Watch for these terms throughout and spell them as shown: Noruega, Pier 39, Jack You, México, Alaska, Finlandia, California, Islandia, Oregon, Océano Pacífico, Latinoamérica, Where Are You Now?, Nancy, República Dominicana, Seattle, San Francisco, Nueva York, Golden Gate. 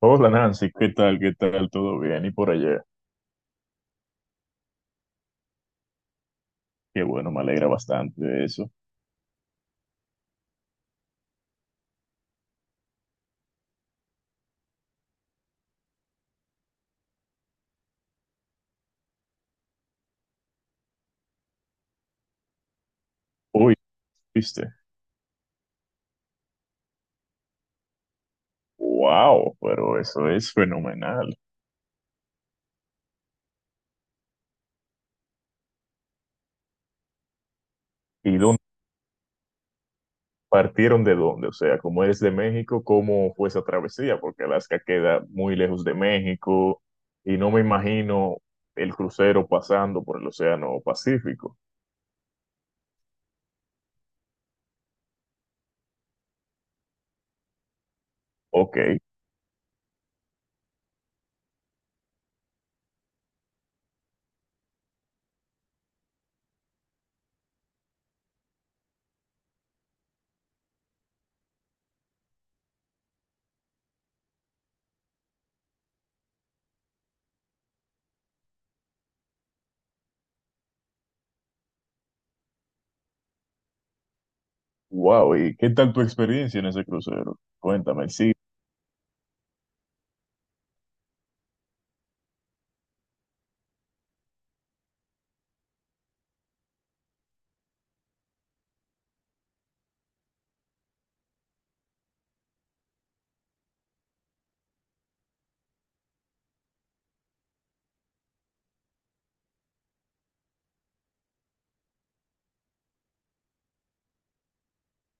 Hola Nancy, ¿qué tal? ¿Qué tal? ¿Todo bien? ¿Y por allá? Qué bueno, me alegra bastante de eso. Uy, ¿viste? ¡Wow! Pero eso es fenomenal. ¿Y dónde partieron de dónde? O sea, como eres de México, ¿cómo fue esa travesía? Porque Alaska queda muy lejos de México y no me imagino el crucero pasando por el Océano Pacífico. Ok, wow. ¿Y qué tal tu experiencia en ese crucero? Cuéntame, sí,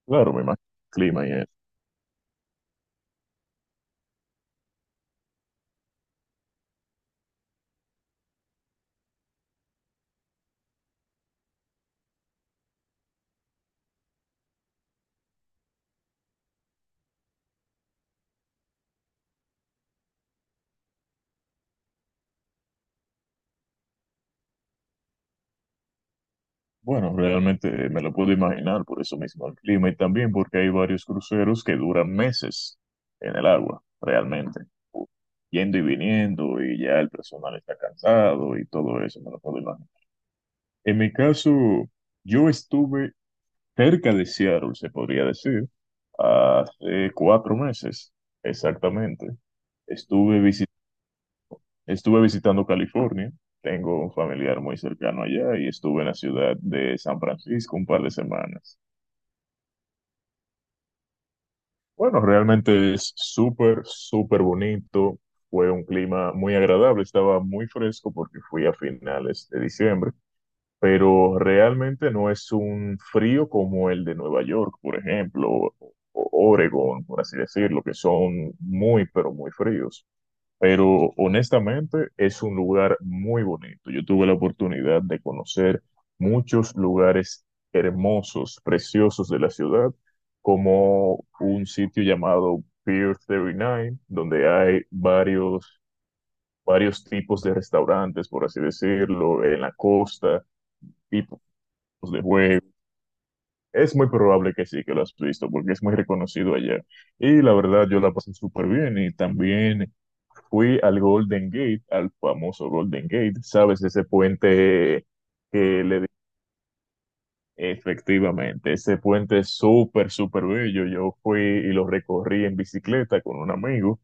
claro, me imagino el clima y eso. Bueno, realmente me lo puedo imaginar por eso mismo el clima y también porque hay varios cruceros que duran meses en el agua, realmente, yendo y viniendo y ya el personal está cansado y todo eso, me lo puedo imaginar. En mi caso, yo estuve cerca de Seattle, se podría decir, hace 4 meses exactamente. Estuve visi- Estuve visitando California. Tengo un familiar muy cercano allá y estuve en la ciudad de San Francisco un par de semanas. Bueno, realmente es súper, súper bonito. Fue un clima muy agradable, estaba muy fresco porque fui a finales de diciembre, pero realmente no es un frío como el de Nueva York, por ejemplo, o Oregon, por así decirlo, que son muy, pero muy fríos, pero honestamente es un lugar muy bonito. Yo tuve la oportunidad de conocer muchos lugares hermosos, preciosos de la ciudad, como un sitio llamado Pier 39, donde hay varios tipos de restaurantes, por así decirlo, en la costa, tipos de juegos, es muy probable que sí, que lo has visto, porque es muy reconocido allá. Y la verdad, yo la pasé súper bien y también fui al Golden Gate, al famoso Golden Gate, ¿sabes? Ese puente que le... Efectivamente, ese puente es súper, súper bello. Yo fui y lo recorrí en bicicleta con un amigo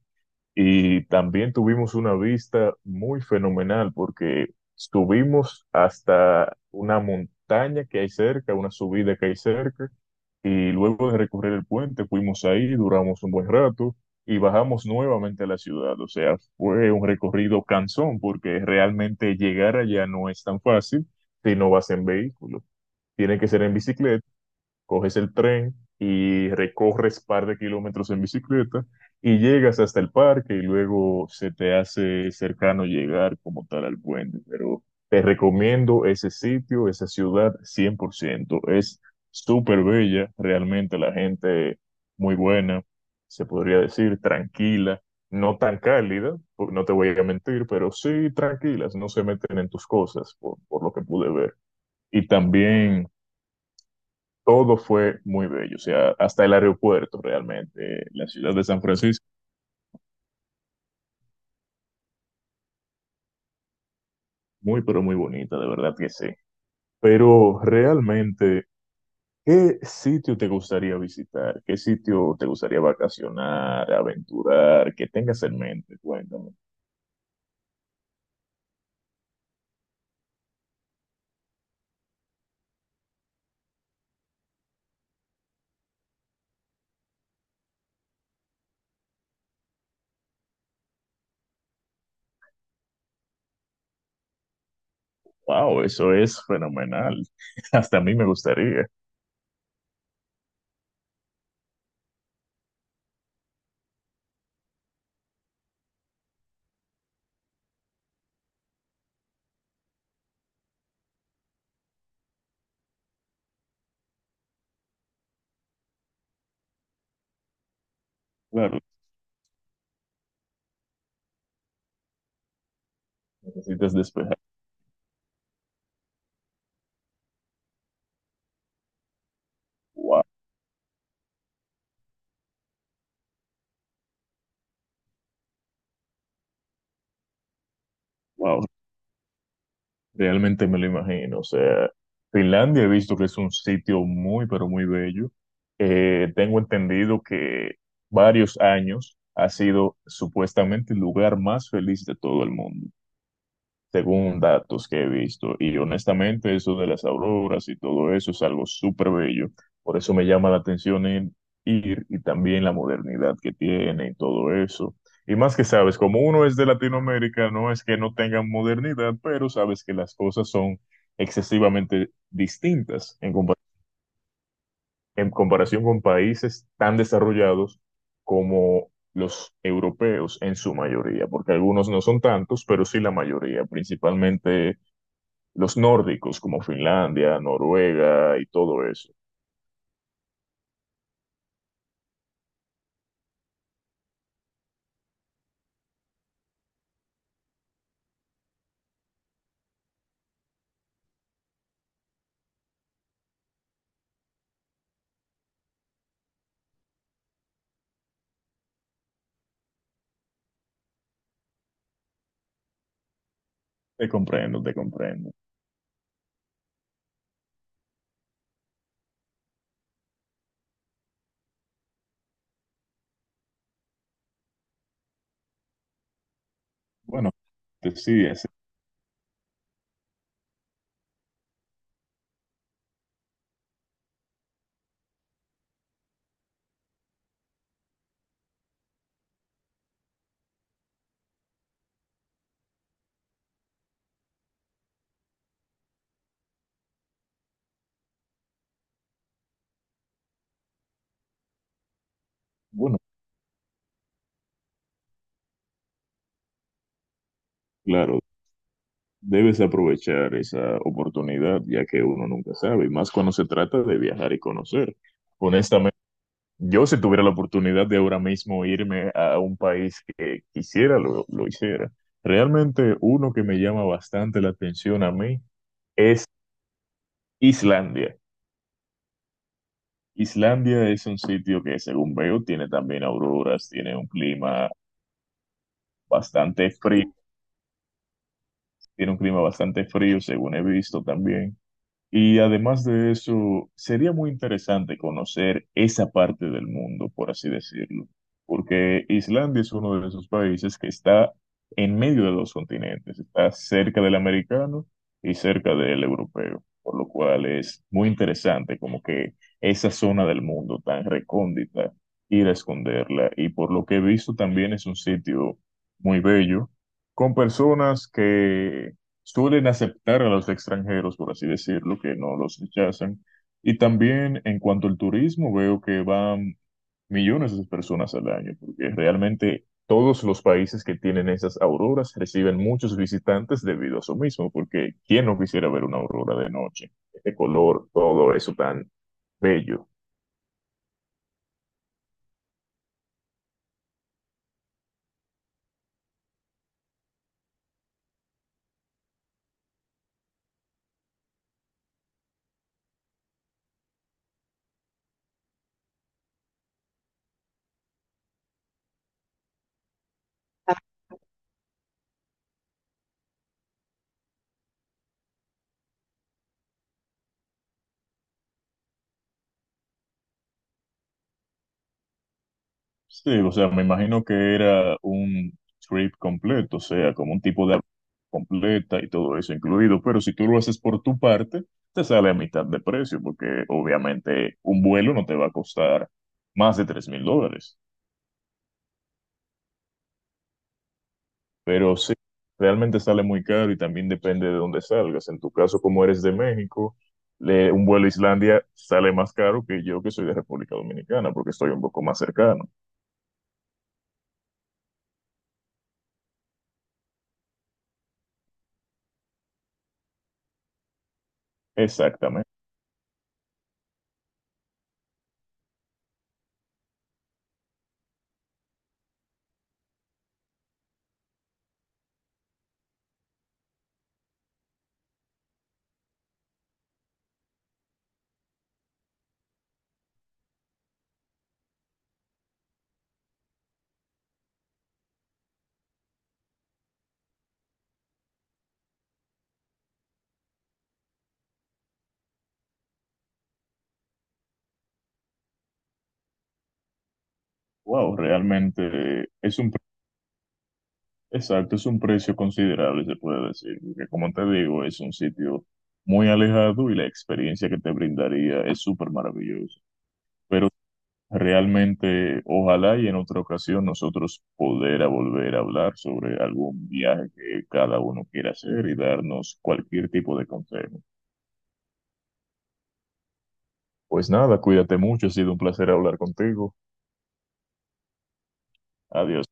y también tuvimos una vista muy fenomenal porque subimos hasta una montaña que hay cerca, una subida que hay cerca, y luego de recorrer el puente, fuimos ahí, duramos un buen rato y bajamos nuevamente a la ciudad. O sea, fue un recorrido cansón porque realmente llegar allá no es tan fácil si no vas en vehículo. Tiene que ser en bicicleta, coges el tren y recorres par de kilómetros en bicicleta y llegas hasta el parque y luego se te hace cercano llegar como tal al puente. Pero te recomiendo ese sitio, esa ciudad 100 por ciento. Es súper bella, realmente la gente muy buena, se podría decir, tranquila. No tan cálida, no te voy a mentir, pero sí tranquilas, no se meten en tus cosas, por lo que pude ver. Y también todo fue muy bello, o sea, hasta el aeropuerto realmente, la ciudad de San Francisco, muy pero muy bonita, de verdad que sí. Pero realmente, ¿qué sitio te gustaría visitar? ¿Qué sitio te gustaría vacacionar, aventurar, que tengas en mente? Cuéntame. Wow, eso es fenomenal. Hasta a mí me gustaría. Claro, necesitas despejar. Wow, wow. Realmente me lo imagino. O sea, Finlandia he visto que es un sitio muy, pero muy bello. Tengo entendido que varios años ha sido supuestamente el lugar más feliz de todo el mundo según datos que he visto. Y honestamente, eso de las auroras y todo eso es algo súper bello. Por eso me llama la atención en ir y también la modernidad que tiene y todo eso. Y más que sabes, como uno es de Latinoamérica, no es que no tengan modernidad, pero sabes que las cosas son excesivamente distintas en, en comparación con países tan desarrollados como los europeos en su mayoría, porque algunos no son tantos, pero sí la mayoría, principalmente los nórdicos como Finlandia, Noruega y todo eso. Te comprendo, te comprendo. Bueno, sí, bueno, claro, debes aprovechar esa oportunidad ya que uno nunca sabe, y más cuando se trata de viajar y conocer. Honestamente, yo si tuviera la oportunidad de ahora mismo irme a un país que quisiera, lo hiciera. Realmente uno que me llama bastante la atención a mí es Islandia. Islandia es un sitio que, según veo, tiene también auroras, tiene un clima bastante frío, tiene un clima bastante frío, según he visto también. Y además de eso, sería muy interesante conocer esa parte del mundo, por así decirlo, porque Islandia es uno de esos países que está en medio de dos continentes, está cerca del americano y cerca del europeo, por lo cual es muy interesante como que esa zona del mundo tan recóndita, ir a esconderla. Y por lo que he visto también es un sitio muy bello, con personas que suelen aceptar a los extranjeros, por así decirlo, que no los rechazan. Y también en cuanto al turismo, veo que van millones de personas al año, porque realmente todos los países que tienen esas auroras reciben muchos visitantes debido a eso mismo, porque ¿quién no quisiera ver una aurora de noche? Este color, todo eso tan bello. Sí, o sea, me imagino que era un trip completo, o sea, como un tipo de completa y todo eso incluido, pero si tú lo haces por tu parte, te sale a mitad de precio, porque obviamente un vuelo no te va a costar más de $3,000, pero sí, realmente sale muy caro y también depende de dónde salgas. En tu caso, como eres de México, un vuelo a Islandia sale más caro que yo que soy de República Dominicana, porque estoy un poco más cercano. Exactamente. Wow, realmente es un... Exacto, es un precio considerable, se puede decir, porque como te digo, es un sitio muy alejado y la experiencia que te brindaría es súper maravillosa. Pero realmente, ojalá y en otra ocasión nosotros poder a volver a hablar sobre algún viaje que cada uno quiera hacer y darnos cualquier tipo de consejo. Pues nada, cuídate mucho, ha sido un placer hablar contigo. Adiós.